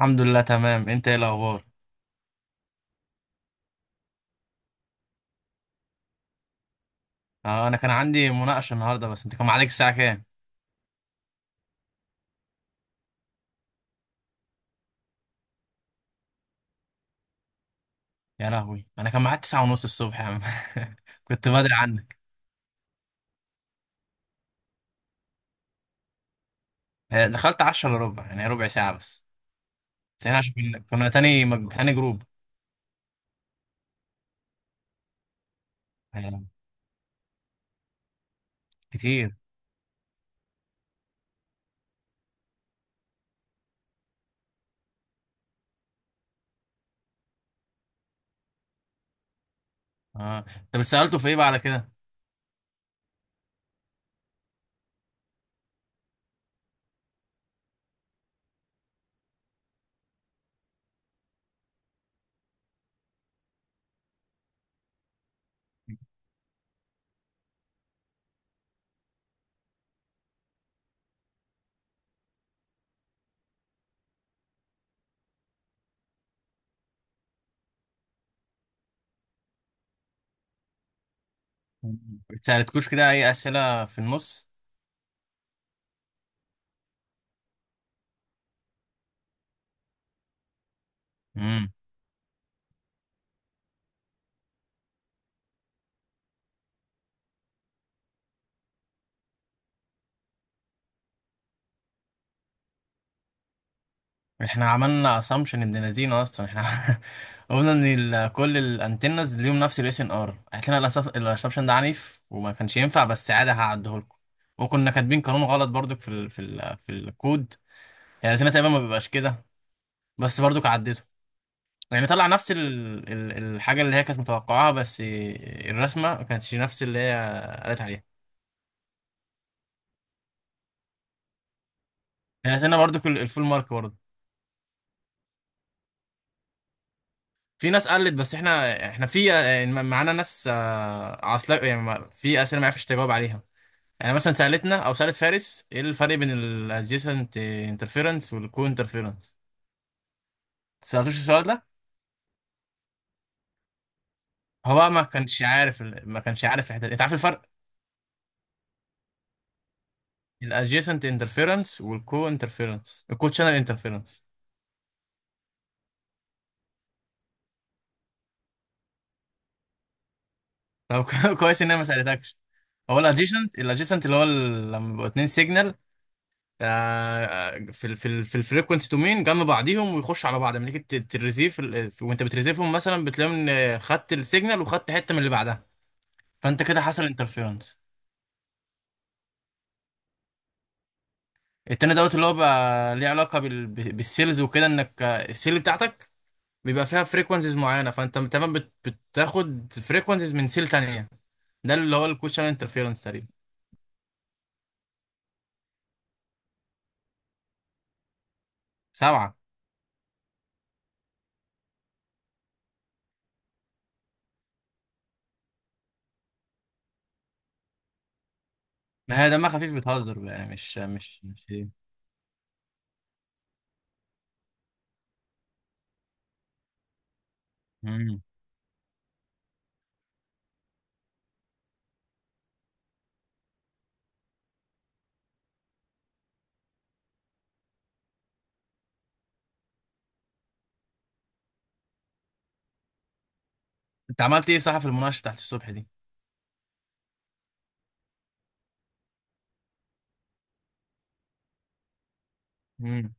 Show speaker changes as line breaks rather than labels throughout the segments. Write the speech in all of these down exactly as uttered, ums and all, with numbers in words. الحمد لله تمام، انت ايه الاخبار؟ اه، انا كان عندي مناقشه النهارده. بس انت كان معاك الساعه كام؟ يا لهوي، انا كان معاك تسعة ونص الصبح يا عم كنت بدري عنك. آه، دخلت عشرة الا ربع، يعني ربع ساعه بس. بس احنا عشان كنا كنا تاني مج... تاني جروب. آه، كتير. اه، انت بتسالته في ايه بقى على كده؟ مم. بتسالتكوش كده اي اسئله في النص؟ احنا عملنا اسامبشن ابن لذينه اصلا احنا قلنا ان ال- كل الانتنز ليهم نفس الاس ان ار لنا. الاسامبشن ده عنيف وما كانش ينفع، بس عادي هعديه لكم. وكنا كاتبين قانون غلط برضك في ال في ال في الكود. يعني لاتينا تقريبا ما بيبقاش كده، بس برضك عدته. يعني طلع نفس ال ال الحاجه اللي هي كانت متوقعاها، بس الرسمه ما كانتش نفس اللي هي قالت عليها. يعني لاتينا برضك ال- الفول مارك برضه. في ناس قلت، بس احنا احنا في يعني معانا ناس آه، عاصلة، يعني ما- في اسئله ما عرفتش تجاوب عليها. يعني مثلا سالتنا او سالت فارس ايه الفرق بين الادجيسنت انترفيرنس والكو انترفيرنس. سالتوش السؤال ده؟ هو بقى ما كانش عارف ال- ما كانش عارف الحته دي. انت عارف الفرق؟ الادجيسنت انترفيرنس والكو انترفيرنس، الكو شانل انترفيرنس. طب كويس ان انا ما سالتكش. هو الادجيسنت، الادجيسنت اللي هو ال- لما بيبقوا اتنين سيجنال آه، في ال في ال في الفريكونسي دومين جنب بعضيهم ويخشوا على بعض، لما تيجي ت- تريزيف ال- وانت بتريزيفهم، مثلا بتلاقي ان خدت السيجنال وخدت حته من اللي بعدها. فانت كده حصل انترفيرنس. التاني دوت اللي هو بقى ليه علاقه بال ب- بالسيلز وكده، انك آه، السيل بتاعتك بيبقى فيها فريكونسيز معينه، فانت تمام بت- بتاخد فريكونسيز من سيل تانيه. ده اللي هو الكوشن انترفيرنس تقريبا. سبعه. ما هي دمها خفيف، بتهزر بقى، يعني مش مش مش ايه. مم. انت عملت ايه صح في المناقشه بتاعت الصبح دي؟ مم.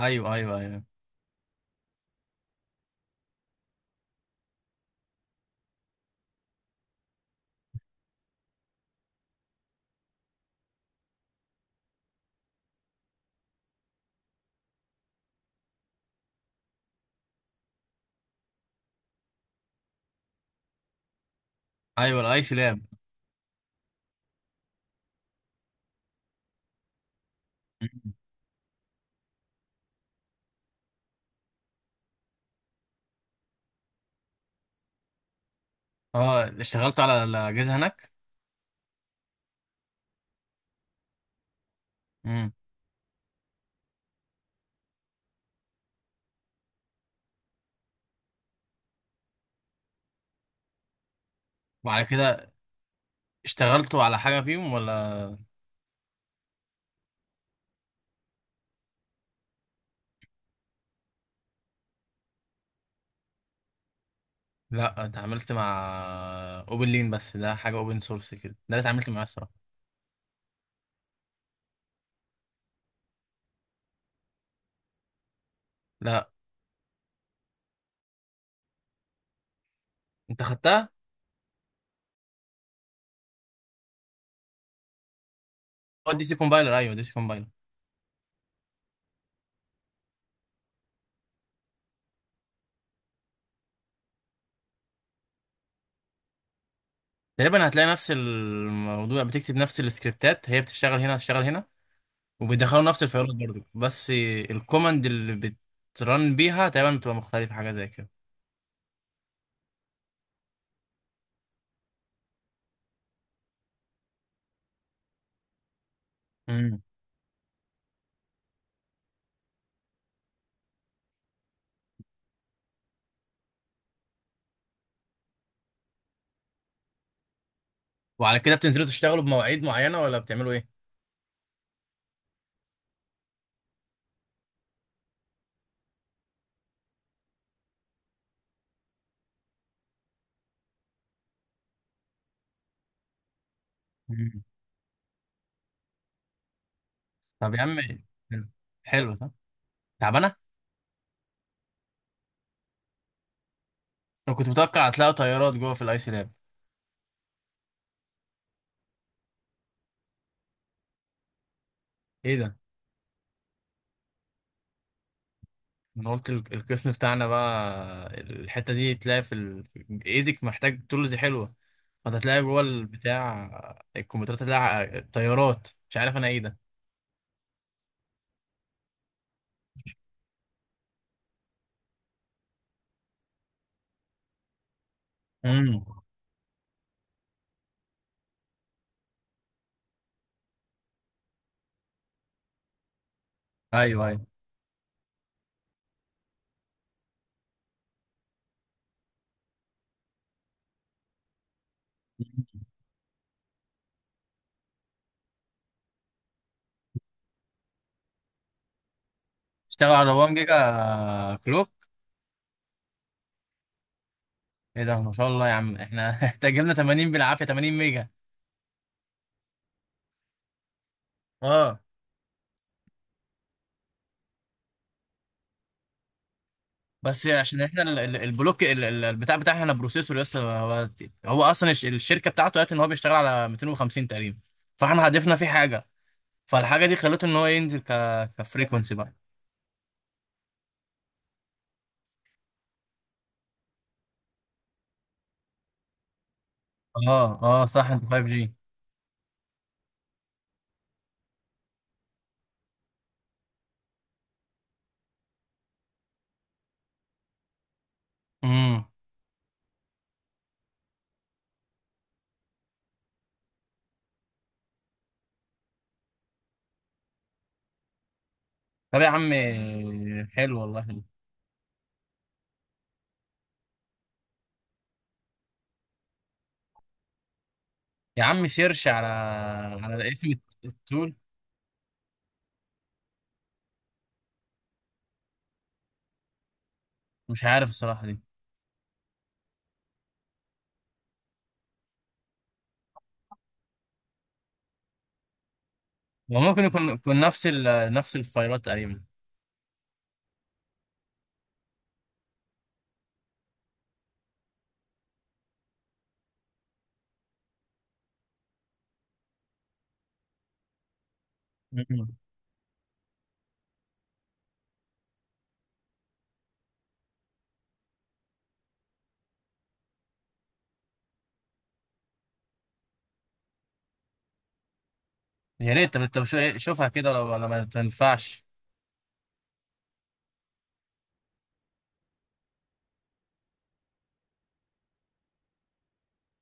ايوه ايوه ايوه. ايوه الايس لاب. اه اشتغلت على الاجهزه هناك. امم. وعلى كده اشتغلتوا على حاجه فيهم ولا؟ لا، اتعاملت مع اوبن لين بس، ده حاجه اوبن سورس كده، ده اللي اتعاملت معاه الصراحه. لا. انت خدتها؟ اه دي سي كومبايلر، ايوه دي سي كومبايلر. تقريبا هتلاقي نفس الموضوع، بتكتب نفس السكريبتات، هي بتشتغل هنا بتشتغل هنا، وبيدخلوا نفس الفايلات برضه. بس الكوماند اللي بترن بيها تقريبا بتبقى مختلفه، حاجه زي كده. امم. وعلى كده بتنزلوا تشتغلوا بمواعيد معينه ولا بتعملوا ايه؟ مم. طب يا عم. حلو. حلو ده. تعبانه. انا كنت متوقع هتلاقي طيارات جوه في الايس لاب. ايه ده. انا قلت ال- القسم بتاعنا بقى الحته دي تلاقي في الايزك محتاج تولز حلوه، فهتلاقي جوه البتاع الكمبيوترات، هتلاقي الطيارات. مش عارف انا ايه ده. امم. ايوه ايوه. اشتغل على واحد جيجا كلوك. ايه ده ما شاء الله يا عم؟ احنا احتاج لنا تمانين بالعافيه، تمانين ميجا. اه بس عشان احنا ال- ال- البلوك ال- ال- البتاع بتاعنا احنا بروسيسور، يس هو هو اصلا الش- الشركه بتاعته قالت ان هو بيشتغل على ميتين وخمسين تقريبا، فاحنا هدفنا فيه حاجه، فالحاجه دي خلته ان هو ينزل ك كفريكونسي بقى. اه اه صح، انت خمسة جي. امم. طب يا عم، حلو والله. يا عم سيرش على على اسم التول. مش عارف الصراحه دي. وممكن يكون يكون نفس ال... نفس الفايلات تقريبا. مم. يا ريت. طب طب شو- شوفها كده، ولا ولا ما تنفعش؟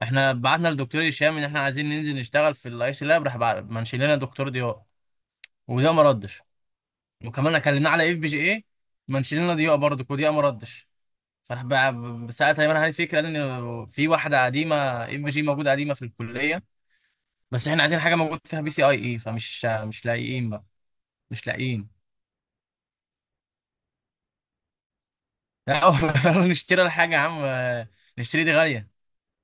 احنا بعتنا لدكتور هشام ان احنا عايزين ننزل نشتغل في الاي سي لاب، راح بعت- منشي لنا دكتور ضياء، وده ما ردش. وكمان كلمناه على اف بي جي اي، منشي لنا ضياء برضه وضياء ما ردش. فراح بقى- ساعتها ايمن علي فكره ان في واحده قديمه اف بي جي موجوده قديمه في الكليه، بس احنا عايزين حاجه موجود فيها بي سي اي اي، فمش مش لاقيين بقى. مش لاقيين. لا نشتري الحاجه يا عم، نشتري دي غاليه.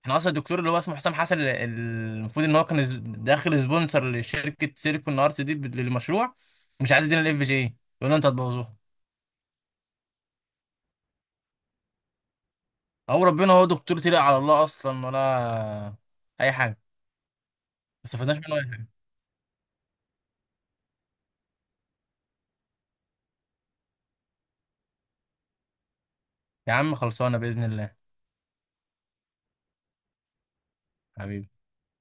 احنا اصلا الدكتور اللي هو اسمه حسام حسن ال- ال- المفروض ان هو كان ز- داخل سبونسر لشركه سيليكون ارتس دي بال- للمشروع، مش عايز يدينا الاف جي اي، يقول لنا انت هتبوظوها. او ربنا. هو دكتور تلقى على الله اصلا ولا اي حاجه. ما استفدناش منه اي حاجه. يا عم خلصانه باذن الله. حبيبي.